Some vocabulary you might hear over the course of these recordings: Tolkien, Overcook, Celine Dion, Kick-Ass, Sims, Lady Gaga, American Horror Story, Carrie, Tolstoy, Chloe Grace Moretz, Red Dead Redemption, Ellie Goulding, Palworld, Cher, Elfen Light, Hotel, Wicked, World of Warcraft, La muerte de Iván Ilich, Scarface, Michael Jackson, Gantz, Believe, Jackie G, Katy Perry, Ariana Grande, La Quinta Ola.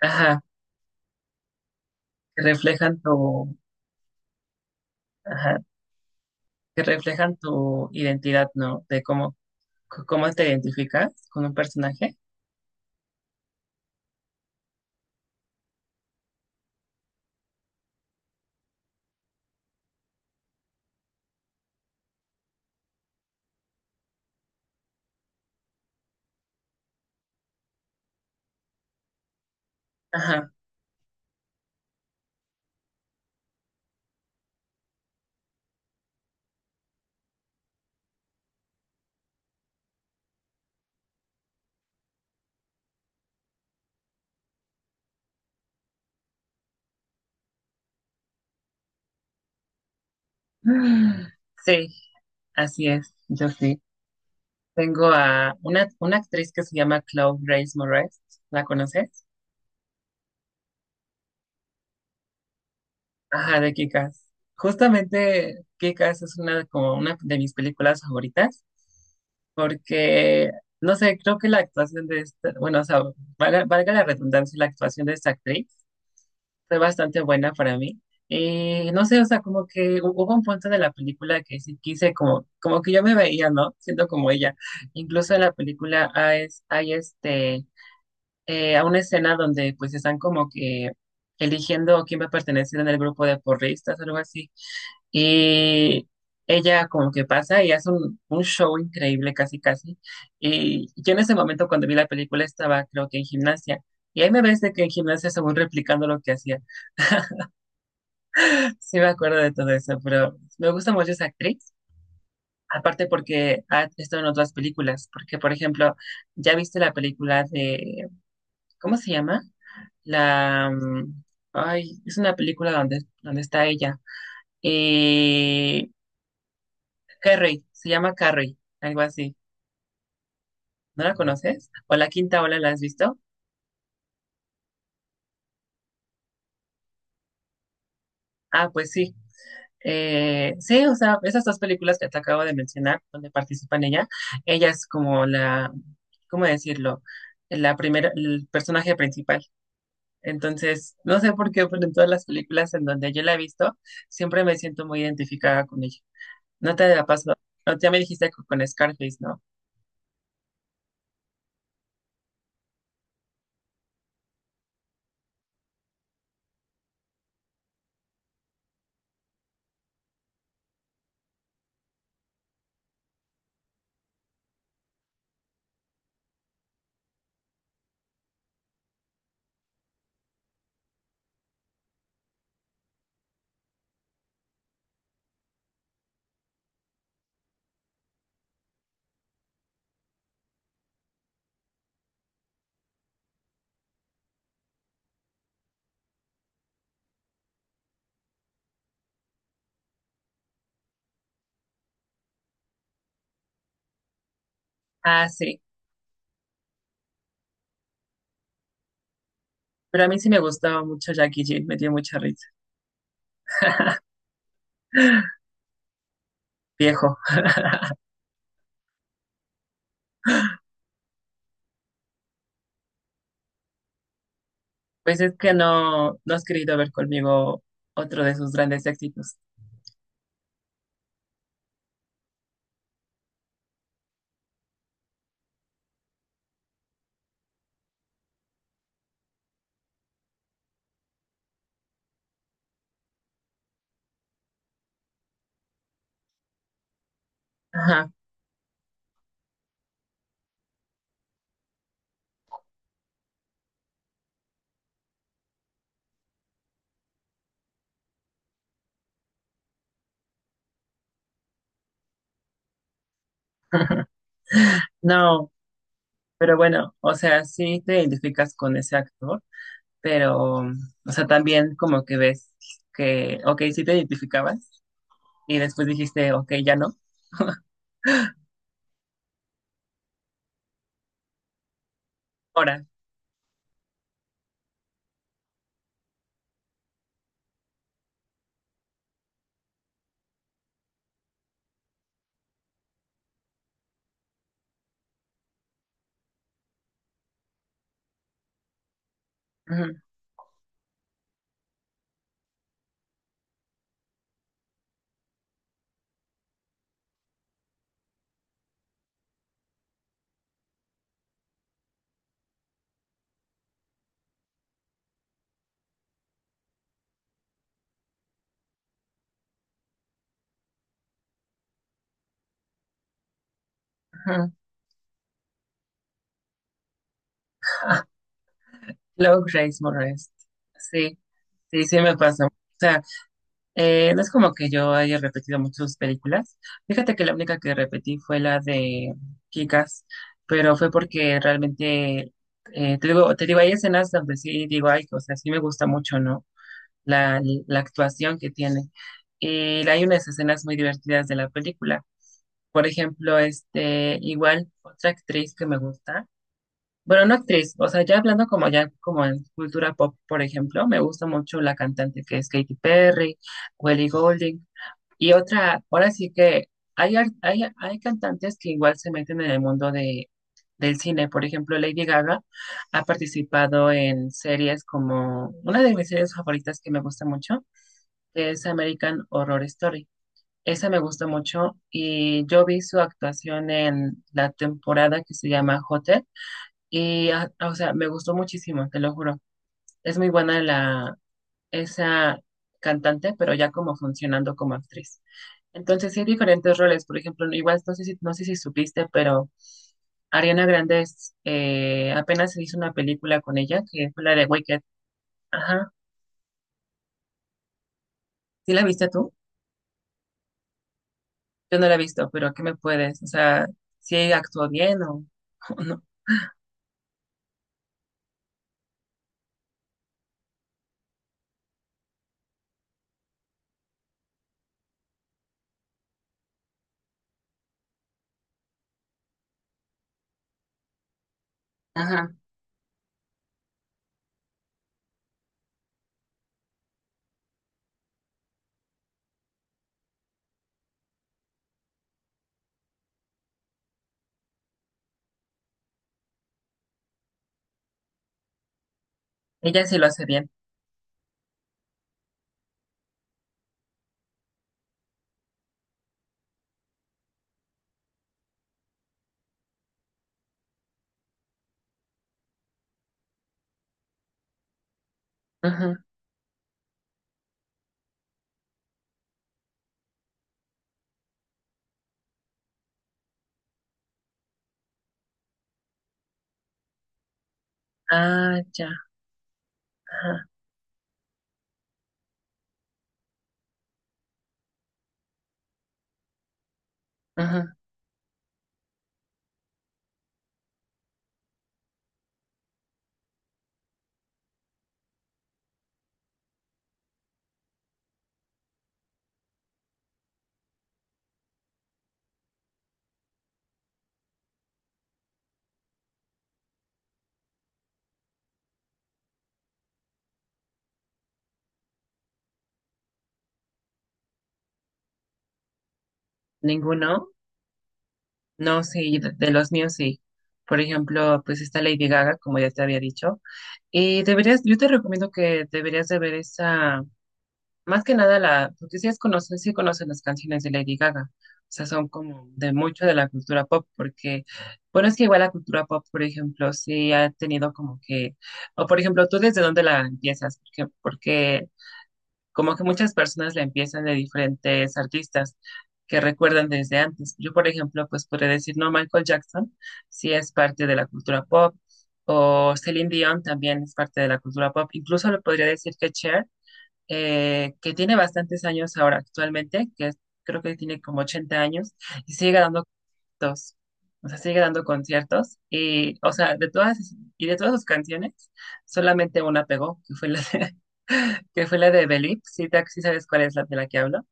Ajá, que reflejan tu, ajá, que reflejan tu identidad, ¿no? De cómo, cómo te identificas con un personaje. Ajá. Sí, así es, yo sí. Tengo a una actriz que se llama Chloe Grace Moretz, ¿la conoces? Ajá, de Kick-Ass. Justamente Kick-Ass es una, como una de mis películas favoritas porque, no sé, creo que la actuación de esta, bueno, o sea, valga la redundancia, la actuación de esta actriz fue bastante buena para mí. Y no sé, o sea, como que hubo un punto de la película que sí quise, como, como que yo me veía, ¿no? Siendo como ella. Incluso en la película hay, hay a una escena donde pues están como que eligiendo quién va a pertenecer en el grupo de porristas, algo así. Y ella como que pasa y hace un show increíble, casi, casi. Y yo en ese momento cuando vi la película estaba, creo que en gimnasia. Y ahí me ves de que en gimnasia según replicando lo que hacía. Sí me acuerdo de todo eso, pero me gusta mucho esa actriz, aparte porque ha estado en otras películas, porque por ejemplo, ya viste la película de, ¿cómo se llama? La, ay, es una película donde está ella. Eh, Carrie, se llama Carrie, algo así. ¿No la conoces? ¿O La Quinta Ola la has visto? Ah, pues sí. Sí, o sea, esas dos películas que te acabo de mencionar, donde participa en ella, ella es como la, ¿cómo decirlo? La primera, el personaje principal. Entonces, no sé por qué, pero en todas las películas en donde yo la he visto, siempre me siento muy identificada con ella. No te la paso, no, ya me dijiste con Scarface, ¿no? Ah, sí, pero a mí sí me gustaba mucho Jackie G, me dio mucha risa, viejo. Pues es que no has querido ver conmigo otro de sus grandes éxitos. Ajá. No, pero bueno, o sea, sí te identificas con ese actor, pero, o sea, también como que ves que, ok, sí te identificabas y después dijiste, ok, ya no, ahora. Ujú, ujú. Low Grace Moretz. Sí, sí me pasó. O sea, no es como que yo haya repetido muchas películas. Fíjate que la única que repetí fue la de Kikas, pero fue porque realmente, te digo, hay escenas donde sí digo, ay, o sea, sí me gusta mucho, ¿no? la, la actuación que tiene. Y hay unas escenas muy divertidas de la película. Por ejemplo, este, igual otra actriz que me gusta. Bueno, no actriz, o sea, ya hablando como en cultura pop, por ejemplo, me gusta mucho la cantante que es Katy Perry, Ellie Goulding. Y otra, ahora sí que hay cantantes que igual se meten en el mundo de, del cine. Por ejemplo, Lady Gaga ha participado en series como una de mis series favoritas que me gusta mucho que es American Horror Story. Esa me gustó mucho y yo vi su actuación en la temporada que se llama Hotel y, ah, o sea, me gustó muchísimo, te lo juro. Es muy buena la, esa cantante, pero ya como funcionando como actriz. Entonces, sí hay diferentes roles. Por ejemplo, igual no sé si supiste, pero Ariana Grande es, apenas se hizo una película con ella, que fue la de Wicked. Ajá. ¿Sí la viste tú? Yo no la he visto, pero ¿qué me puedes? O sea, si actuó bien o, o no. Ajá. Ella sí lo hace bien. Ajá. Ah, ya. Ajá. Ajá. ¿Ninguno? No, sí, de los míos sí. Por ejemplo, pues está Lady Gaga, como ya te había dicho. Y deberías, yo te recomiendo que deberías de ver esa. Más que nada, la, porque sí, es conoce, sí conocen las canciones de Lady Gaga, o sea, son como de mucho de la cultura pop, porque, bueno, es que igual la cultura pop, por ejemplo, sí ha tenido como que, o por ejemplo, ¿tú desde dónde la empiezas? Porque, como que muchas personas la empiezan de diferentes artistas que recuerdan desde antes. Yo, por ejemplo, pues podría decir, no, Michael Jackson sí es parte de la cultura pop, o Celine Dion también es parte de la cultura pop, incluso le podría decir que Cher que tiene bastantes años ahora actualmente, creo que tiene como 80 años, y sigue dando conciertos. O sea, sigue dando conciertos. Y, o sea, y de todas sus canciones, solamente una pegó, que fue la de, que fue la de Believe. ¿Si sabes cuál es la de la que hablo?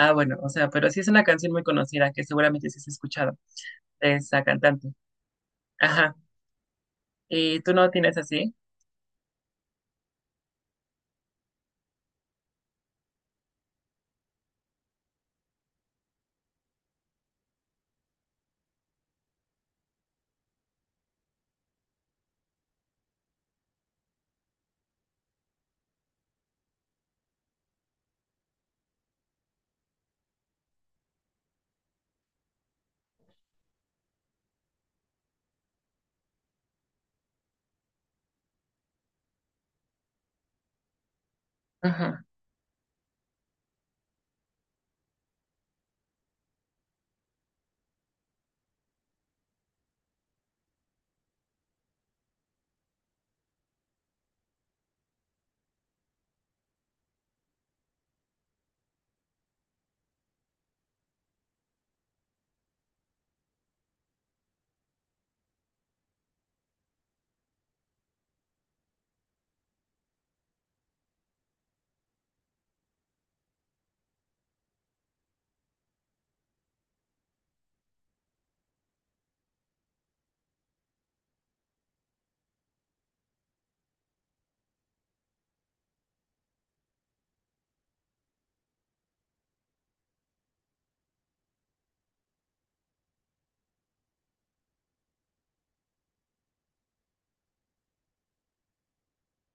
Ah, bueno, o sea, pero sí es una canción muy conocida que seguramente sí has escuchado de esa cantante. Ajá. ¿Y tú no tienes así?